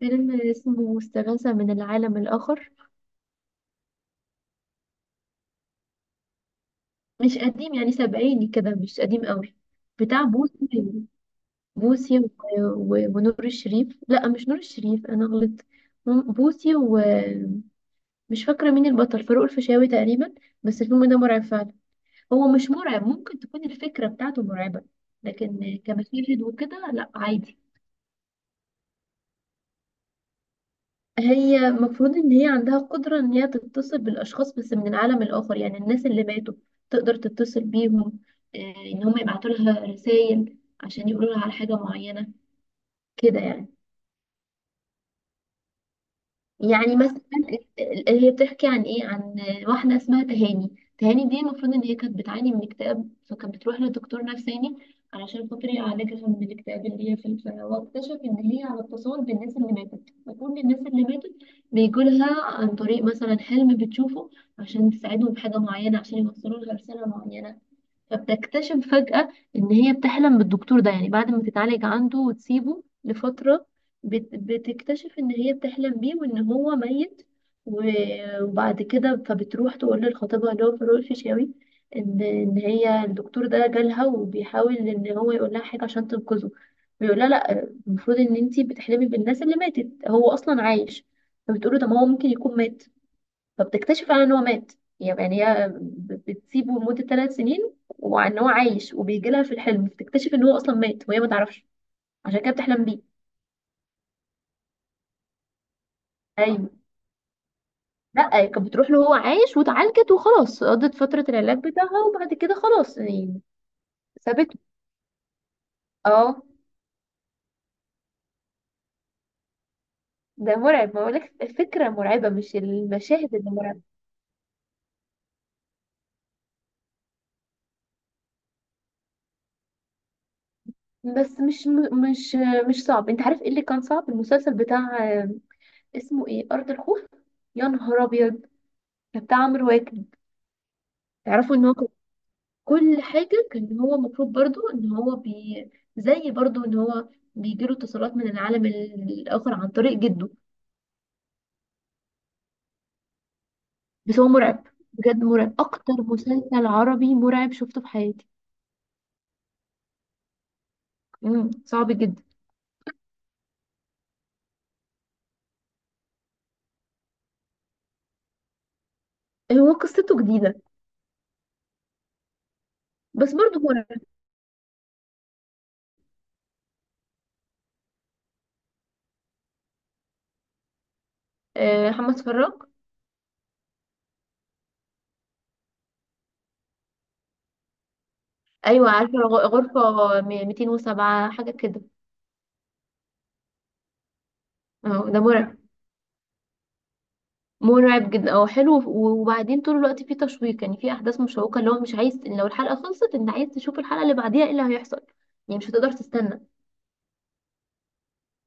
فيلم اسمه استغاثة من العالم الآخر. مش قديم، يعني سبعيني كده، مش قديم قوي. بتاع بوسي. بوسي ونور الشريف. لا، مش نور الشريف، أنا غلطت. بوسي، ومش فاكرة مين البطل، فاروق الفيشاوي تقريبا. بس الفيلم ده مرعب فعلا. هو مش مرعب، ممكن تكون الفكرة بتاعته مرعبة، لكن كمشاهد وكده لا، عادي. هي المفروض ان هي عندها قدرة ان هي تتصل بالاشخاص، بس من العالم الاخر، يعني الناس اللي ماتوا تقدر تتصل بيهم. آه، ان هم يبعتوا لها رسائل عشان يقولوا لها على حاجة معينة، كده يعني. يعني مثلا هي بتحكي عن ايه؟ عن واحده اسمها تهاني. تهاني دي المفروض ان هي كانت بتعاني من اكتئاب، فكانت بتروح لدكتور نفساني علشان خاطر يعالجها من الاكتئاب اللي هي فيه. واكتشف ان هي على اتصال بالناس اللي ماتت، فكل الناس اللي ماتت بيجولها عن طريق مثلا حلم بتشوفه، عشان تساعدهم بحاجه معينه، عشان يوصلوا لها رساله معينه. فبتكتشف فجأة إن هي بتحلم بالدكتور ده، يعني بعد ما تتعالج عنده وتسيبه لفترة، بتكتشف إن هي بتحلم بيه وإن هو ميت. وبعد كده فبتروح تقول للخطيبها اللي هو فاروق الفيشاوي، إن هي الدكتور ده جالها وبيحاول إن هو يقول لها حاجة عشان تنقذه. بيقول لها لأ، المفروض إن أنتي بتحلمي بالناس اللي ماتت، هو أصلا عايش. فبتقوله ده ما هو ممكن يكون مات. فبتكتشف على ان هو مات. يعني هي بتسيبه لمدة ثلاث سنين، وان هو عايش وبيجي لها في الحلم، بتكتشف ان هو اصلا مات وهي ما تعرفش. عشان كده بتحلم بيه. ايوه. لا، هي كانت بتروح له هو عايش، واتعالجت وخلاص، قضت فترة العلاج بتاعها، وبعد كده خلاص يعني. سابته. اه. ده مرعب ما اقولك، الفكرة مرعبة مش المشاهد اللي مرعبة. بس مش مش مش صعب. انت عارف ايه اللي كان صعب؟ المسلسل بتاع اسمه ايه، ارض الخوف. يا نهار ابيض. ده بتاع عمرو واكد. تعرفوا ان هو كل حاجة كان هو المفروض برضو ان هو بي... زي برضو ان هو بيجيله اتصالات من العالم الآخر عن طريق جده. بس هو مرعب، بجد مرعب، أكتر مسلسل عربي مرعب شفته في حياتي. مم. صعب جدا. هو قصته جديدة. بس برضو مرعب. محمد فراج. أيوة عارفة، غرفة 207 حاجة كده. اه ده مرعب، مرعب جدا. اه حلو. وبعدين طول الوقت فيه تشويق، يعني فيه احداث مشوقه، اللي هو مش عايز لو الحلقه خلصت، انت عايز تشوف الحلقه اللي بعديها ايه اللي هيحصل، يعني مش هتقدر تستنى.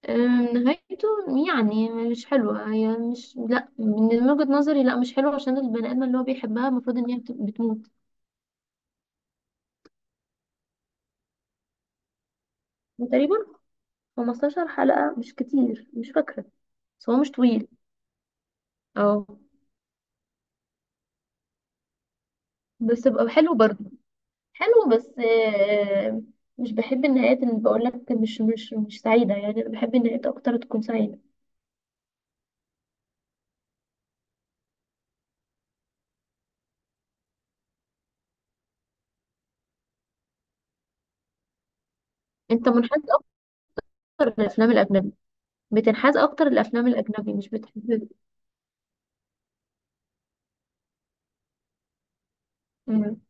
نهايته يعني مش حلوه، هي مش، لا من وجهه نظري لا، مش حلوه، عشان البني ادم اللي هو بيحبها المفروض ان هي بتموت. تقريبا 15 حلقه، مش كتير، مش فاكره، بس هو مش طويل. اه. بس بقى حلو برضه. حلو، بس مش بحب النهايات اللي بقول لك مش سعيده، يعني انا بحب النهايات اكتر تكون سعيده. انت منحاز اكتر للافلام الاجنبي، بتنحاز اكتر للافلام الاجنبي، مش بتحب. مم.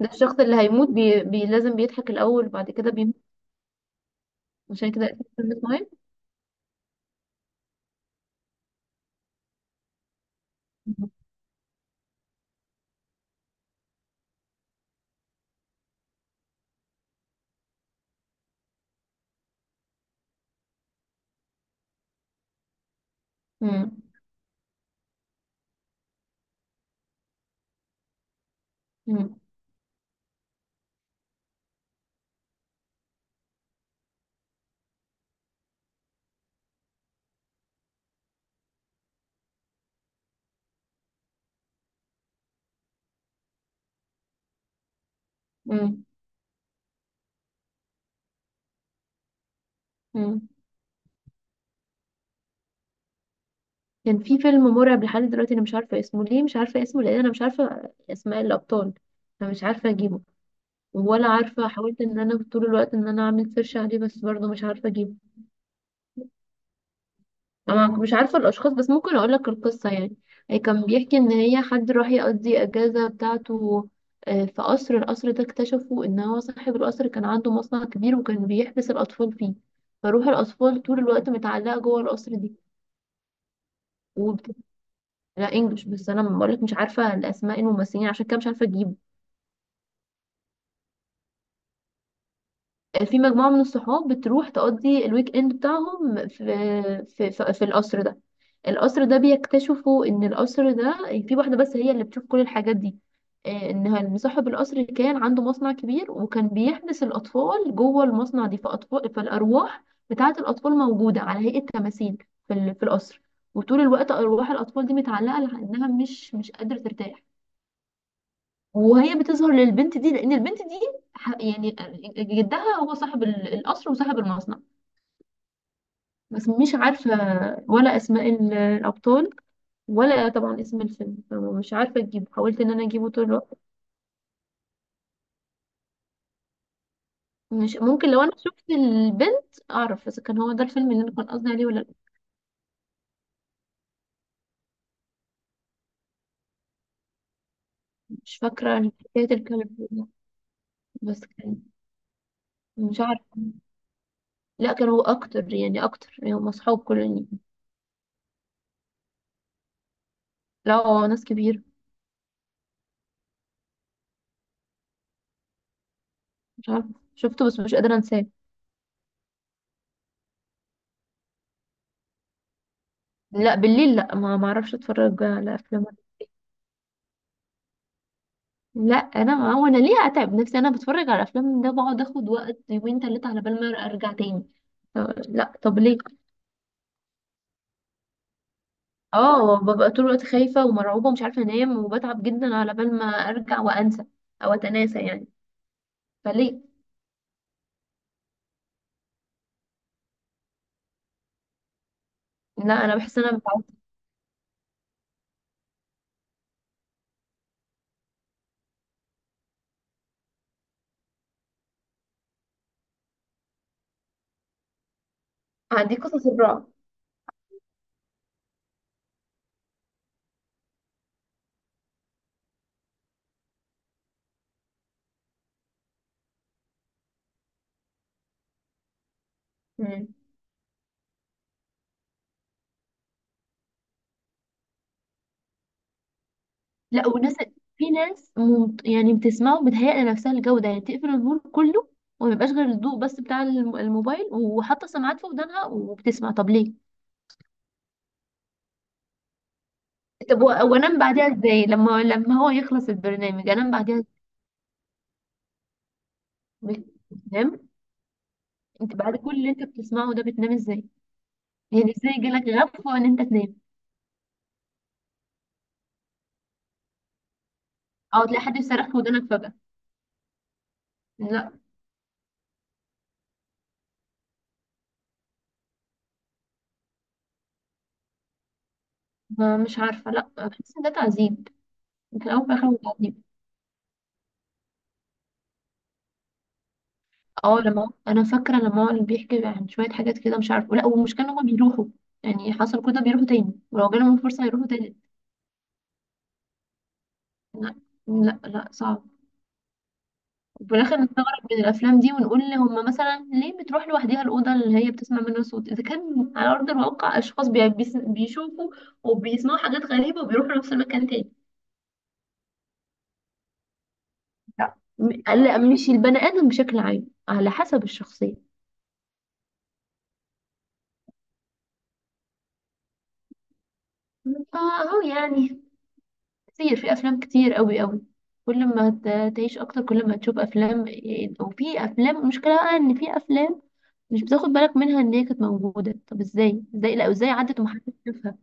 ده الشخص اللي هيموت لازم بيضحك الاول وبعد كده بيموت. عشان كده اسمه فيلم سمايل. مم. مم. مم. مم. كان في فيلم مرعب لحد دلوقتي انا مش عارفه اسمه، ليه مش عارفه اسمه؟ لان انا مش عارفه اسماء الابطال، فمش عارفه اجيبه، ولا عارفه، حاولت ان انا طول الوقت ان انا اعمل سيرش عليه، بس برضه مش عارفه اجيبه. أنا مش عارفة الأشخاص، بس ممكن أقولك القصة يعني. هي كان بيحكي إن هي حد راح يقضي أجازة بتاعته. في قصر، القصر ده اكتشفوا إن هو صاحب القصر كان عنده مصنع كبير، وكان بيحبس الأطفال فيه، فروح الأطفال طول الوقت متعلقة جوه القصر دي. وبت... لا إنجلش، بس أنا بقولك مش عارفة الأسماء الممثلين عشان كده مش عارفة أجيبه. في مجموعة من الصحاب بتروح تقضي الويك اند بتاعهم في، في القصر ده، القصر ده بيكتشفوا ان القصر ده في واحدة بس هي اللي بتشوف كل الحاجات دي. ان صاحب القصر كان عنده مصنع كبير، وكان بيحبس الأطفال جوه المصنع دي، فأطفال، فالأرواح بتاعة الأطفال موجودة على هيئة تماثيل في في القصر، وطول الوقت أرواح الأطفال دي متعلقة لأنها مش قادرة ترتاح. وهي بتظهر للبنت دي لان البنت دي يعني جدها هو صاحب القصر وصاحب المصنع. بس مش عارفه، ولا اسماء الابطال، ولا طبعا اسم الفيلم، فمش عارفه اجيبه، حاولت ان انا اجيبه طول الوقت. مش ممكن، لو انا شفت البنت اعرف اذا كان هو ده الفيلم اللي انا كان قصدي عليه ولا لأ. مش فاكره حكايه الكلب ده. بس كان، مش عارفه. لا، كان هو اكتر يعني، اكتر يعني هم اصحاب كل... لا، هو ناس كبيره. مش عارفه شفته، بس مش قادره انساه. لا بالليل، لا، ما اعرفش اتفرج على افلام. لا، انا، ما هو انا ليه اتعب نفسي؟ انا بتفرج على افلام ده بقعد اخد وقت يومين ثلاثه على بال ما ارجع تاني. لا طب ليه. اه، ببقى طول الوقت خايفه ومرعوبه ومش عارفه انام، وبتعب جدا على بال ما ارجع وانسى، او اتناسى يعني، فليه؟ لا، انا بحس ان انا متعودة. عندي قصص الرعب. مم. لا، وناس، في ناس يعني بتسمعه بتهيأ لنفسها الجودة، يعني تقفل النور كله، وما يبقاش غير الضوء بس بتاع الموبايل، وحاطة سماعات في ودانها وبتسمع، طب ليه؟ طب وانام بعديها ازاي؟ لما هو يخلص البرنامج انام بعديها ازاي؟ فاهم؟ انت بعد كل اللي انت بتسمعه ده بتنام ازاي؟ يعني ازاي جالك غفوة ان انت تنام؟ او تلاقي حد يصرخ في ودانك فجأة. لا. ما مش عارفة، لا، بحس ان ده تعذيب، في الاول وفي الاخر هو تعذيب. اه، لما انا فاكره لما هو اللي بيحكي عن شويه حاجات كده مش عارفه. لا، والمشكله ان هما بيروحوا، يعني حصل كده بيروحوا تاني، ولو جالهم الفرصه يروحوا تاني. لا، لا، لا، صعب. وفي الاخر نستغرب من الافلام دي ونقول هما مثلا ليه بتروح لوحدها الاوضه اللي هي بتسمع منها صوت؟ اذا كان على ارض الواقع اشخاص بيشوفوا وبيسمعوا حاجات غريبه، وبيروحوا نفس المكان تاني. لا لا، مش البني ادم بشكل عام، على حسب الشخصيه. فاهو يعني، كتير، في افلام كتير قوي قوي. كل ما تعيش اكتر كل ما تشوف افلام، وفي افلام، المشكله بقى ان في افلام مش بتاخد بالك منها ان هي كانت موجوده، طب ازاي لا، ازاي عدت ومحدش شافها؟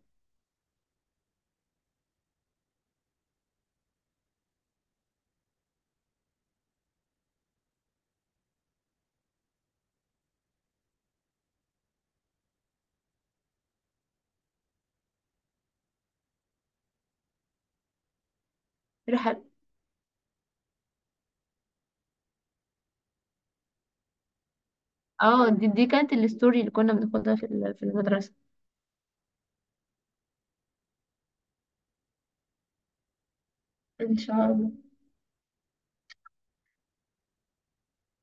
راح. اه دي كانت الستوري اللي كنا بناخدها في في المدرسه. ان شاء الله.